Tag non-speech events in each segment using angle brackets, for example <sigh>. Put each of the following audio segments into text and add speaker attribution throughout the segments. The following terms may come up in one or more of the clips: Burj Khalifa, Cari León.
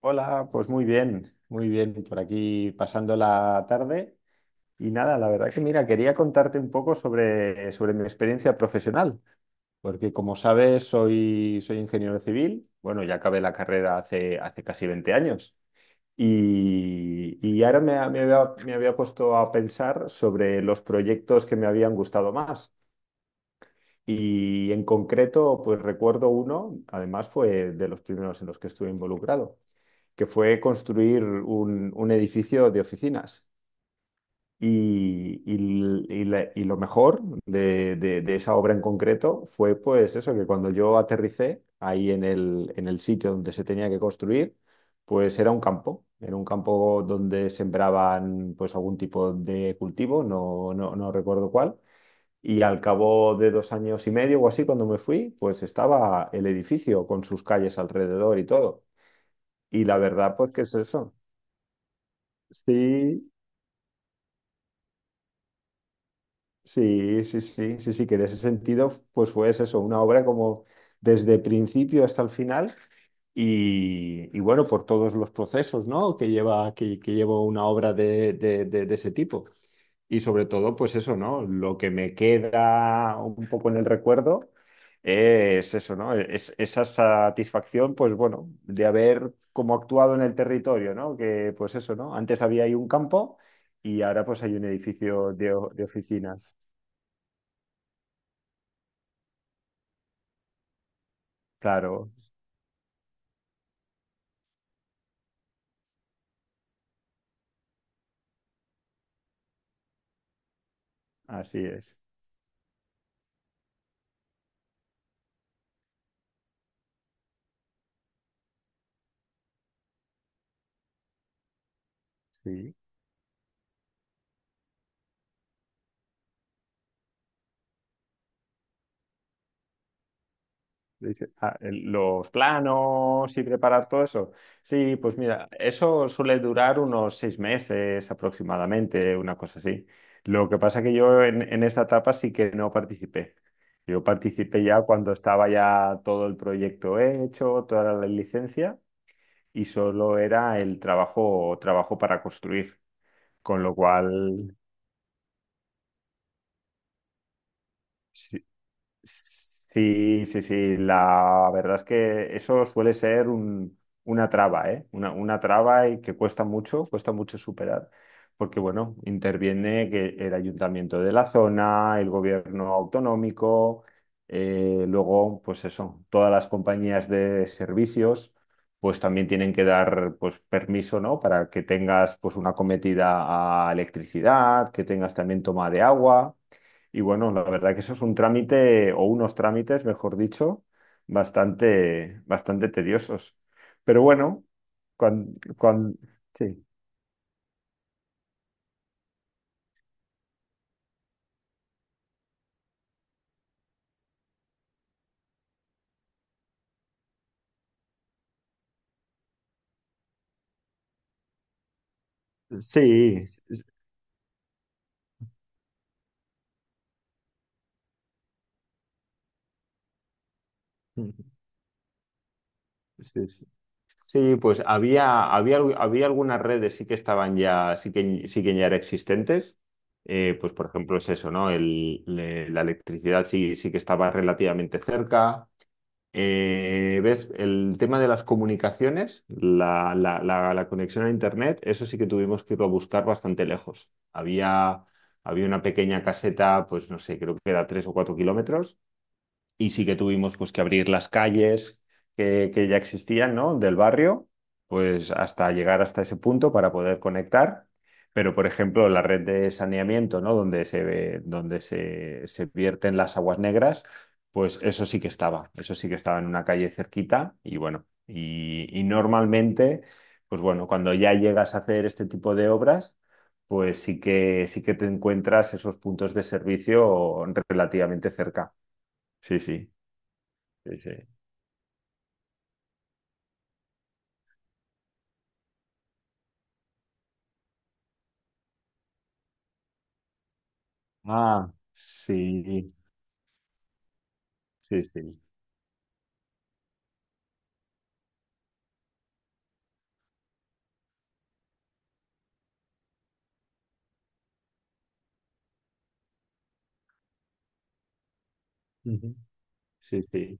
Speaker 1: Hola, pues muy bien, por aquí pasando la tarde. Y nada, la verdad que mira, quería contarte un poco sobre mi experiencia profesional, porque como sabes, soy ingeniero civil, bueno, ya acabé la carrera hace casi 20 años. Y ahora me había puesto a pensar sobre los proyectos que me habían gustado más. Y en concreto, pues recuerdo uno, además fue de los primeros en los que estuve involucrado que fue construir un edificio de oficinas. Y lo mejor de esa obra en concreto fue pues eso, que cuando yo aterricé ahí en el sitio donde se tenía que construir, pues era un campo donde sembraban pues algún tipo de cultivo, no, no, no recuerdo cuál. Y al cabo de 2 años y medio o así, cuando me fui, pues estaba el edificio con sus calles alrededor y todo. Y la verdad, pues que es eso. Sí, sí, sí, sí, sí, sí, que en ese sentido, pues fue eso, una obra como desde principio hasta el final y bueno, por todos los procesos, ¿no? que lleva una obra de ese tipo. Y sobre todo, pues eso, ¿no? Lo que me queda un poco en el recuerdo es eso, ¿no? Es esa satisfacción, pues bueno, de haber como actuado en el territorio, ¿no? Que pues eso, ¿no? Antes había ahí un campo y ahora pues hay un edificio de oficinas. Claro, así es. Sí. Dice, ah, los planos y preparar todo eso. Sí, pues mira, eso suele durar unos 6 meses aproximadamente, una cosa así. Lo que pasa que yo en esa etapa sí que no participé. Yo participé ya cuando estaba ya todo el proyecto hecho, toda la licencia, y solo era el trabajo, trabajo para construir. Con lo cual, sí, sí, sí, sí. La verdad es que eso suele ser una traba, ¿eh? Una traba y que cuesta mucho superar, porque bueno, interviene que el ayuntamiento de la zona, el gobierno autonómico, luego, pues eso, todas las compañías de servicios, pues también tienen que dar, pues, permiso, ¿no? Para que tengas, pues, una cometida a electricidad, que tengas también toma de agua. Y bueno, la verdad que eso es un trámite, o unos trámites, mejor dicho, bastante, bastante tediosos. Pero bueno, cuando, sí, sí, mm, sí, sí. Sí, pues había algunas redes sí que estaban ya, sí que ya eran existentes. Pues por ejemplo es eso, ¿no? La electricidad sí, sí que estaba relativamente cerca. ¿Ves? El tema de las comunicaciones, la conexión a Internet, eso sí que tuvimos que irlo a buscar bastante lejos. Había una pequeña caseta, pues no sé, creo que era 3 o 4 kilómetros, y sí que tuvimos pues, que abrir las calles que ya existían, ¿no? Del barrio, pues hasta llegar hasta ese punto para poder conectar. Pero, por ejemplo, la red de saneamiento, ¿no? Donde se ve- donde se vierten las aguas negras, pues eso sí que estaba. Eso sí que estaba en una calle cerquita. Y bueno, y normalmente, pues bueno, cuando ya llegas a hacer este tipo de obras, pues sí que te encuentras esos puntos de servicio relativamente cerca. Sí, sí. Sí, sí. Ah, sí, sí, sí. Ujú. Sí, sí.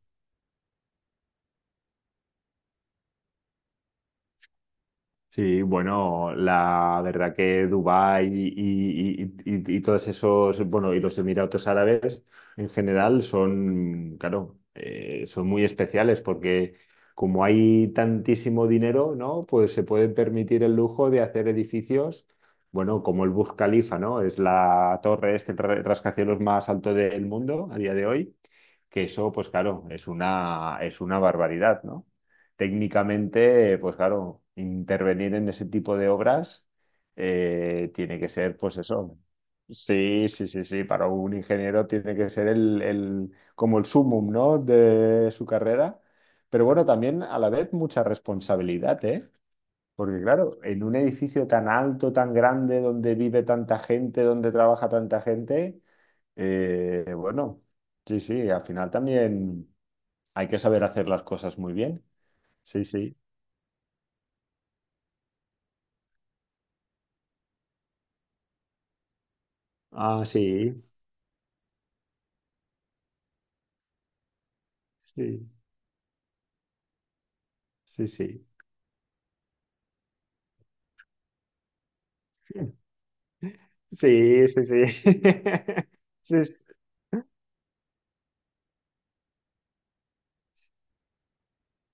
Speaker 1: Sí, bueno, la verdad que Dubái y todos esos, bueno, y los Emiratos Árabes en general son, claro, son muy especiales porque como hay tantísimo dinero, ¿no? Pues se pueden permitir el lujo de hacer edificios, bueno, como el Burj Khalifa, ¿no? Es la torre, rascacielos más alto del mundo a día de hoy, que eso, pues claro, es una barbaridad, ¿no? Técnicamente, pues claro, intervenir en ese tipo de obras tiene que ser, pues eso. Sí, sí, sí, sí. Para un ingeniero tiene que ser como el sumum, ¿no? de su carrera. Pero bueno, también a la vez mucha responsabilidad, ¿eh? Porque claro, en un edificio tan alto, tan grande, donde vive tanta gente, donde trabaja tanta gente, bueno, sí, sí, al final también hay que saber hacer las cosas muy bien. Sí, sí. Ah, sí, sí, sí, sí. Sí, sí, sí. <laughs> Sí, sí,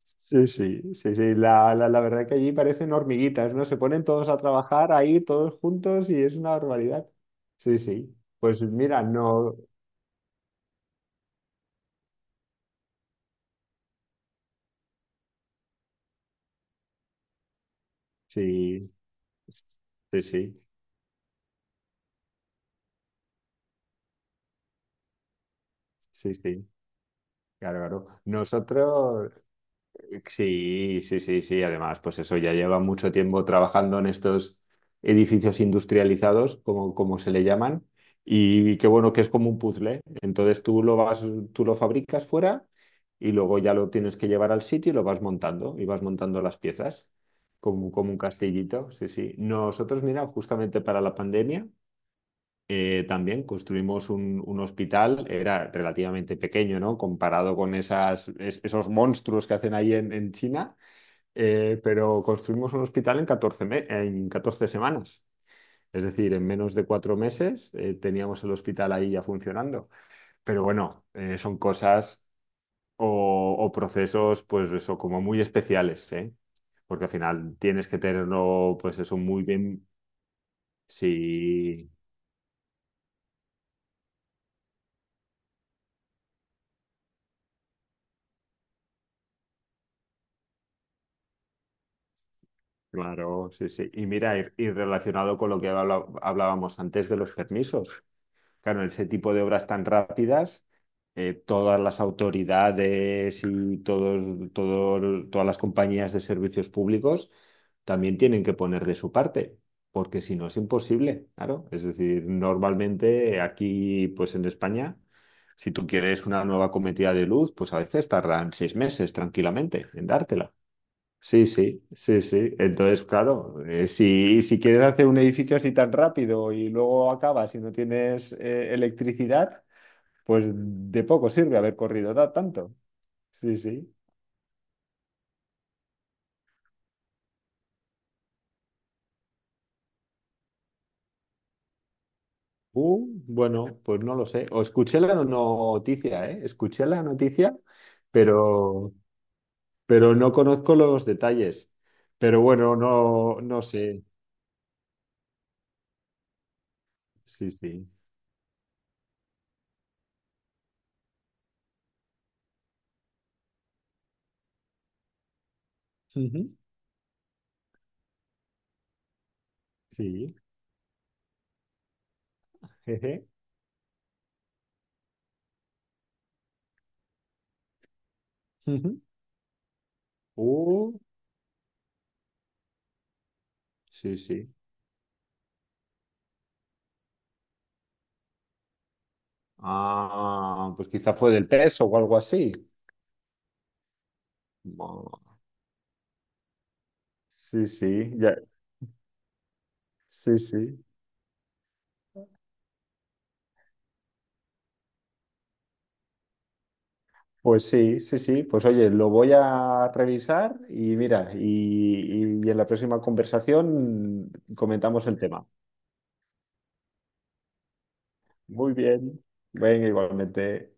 Speaker 1: sí, sí, sí, sí. La verdad que allí parecen hormiguitas, ¿no? Se ponen todos a trabajar ahí, todos juntos, y es una barbaridad. Sí, sí. Pues mira, no. Sí, sí, sí, sí, sí. Claro, claro. Nosotros. Sí, sí, sí, sí. Además, pues eso ya lleva mucho tiempo trabajando en estos edificios industrializados, como se le llaman, y, qué bueno que es como un puzzle, ¿eh? Entonces tú lo vas, tú lo fabricas fuera y luego ya lo tienes que llevar al sitio y lo vas montando, y vas montando las piezas como un castillito. Sí, sí. Nosotros, mira, justamente para la pandemia. También construimos un hospital, era relativamente pequeño, ¿no? Comparado con esos monstruos que hacen ahí en China, pero construimos un hospital en catorce semanas. Es decir, en menos de 4 meses teníamos el hospital ahí ya funcionando. Pero bueno, son cosas o procesos, pues eso, como muy especiales, ¿eh? Porque al final tienes que tenerlo, pues eso, muy bien. Sí, claro, sí, sí. Y mira, y relacionado con lo que hablábamos antes de los permisos. Claro, en ese tipo de obras tan rápidas, todas las autoridades y todas las compañías de servicios públicos también tienen que poner de su parte, porque si no es imposible, claro. Es decir, normalmente aquí, pues en España, si tú quieres una nueva cometida de luz, pues a veces tardan 6 meses tranquilamente en dártela. Sí, sí, sí, sí. Entonces, claro, si quieres hacer un edificio así tan rápido y luego acabas y no tienes electricidad, pues de poco sirve haber corrido tanto. Sí, sí. Bueno, pues no lo sé. O escuché la noticia, ¿eh? Escuché la noticia, pero, pero no conozco los detalles. Pero bueno, no, no sé. Sí, sí. Ujú. Sí. Jeje. Ujú. Uh, sí, sí. Ah, pues quizá fue del peso o algo así. Bueno, sí, sí, ya, sí, sí. Pues sí, sí, sí. Pues oye, lo voy a revisar y mira, y en la próxima conversación comentamos el tema. Muy bien. Venga, igualmente.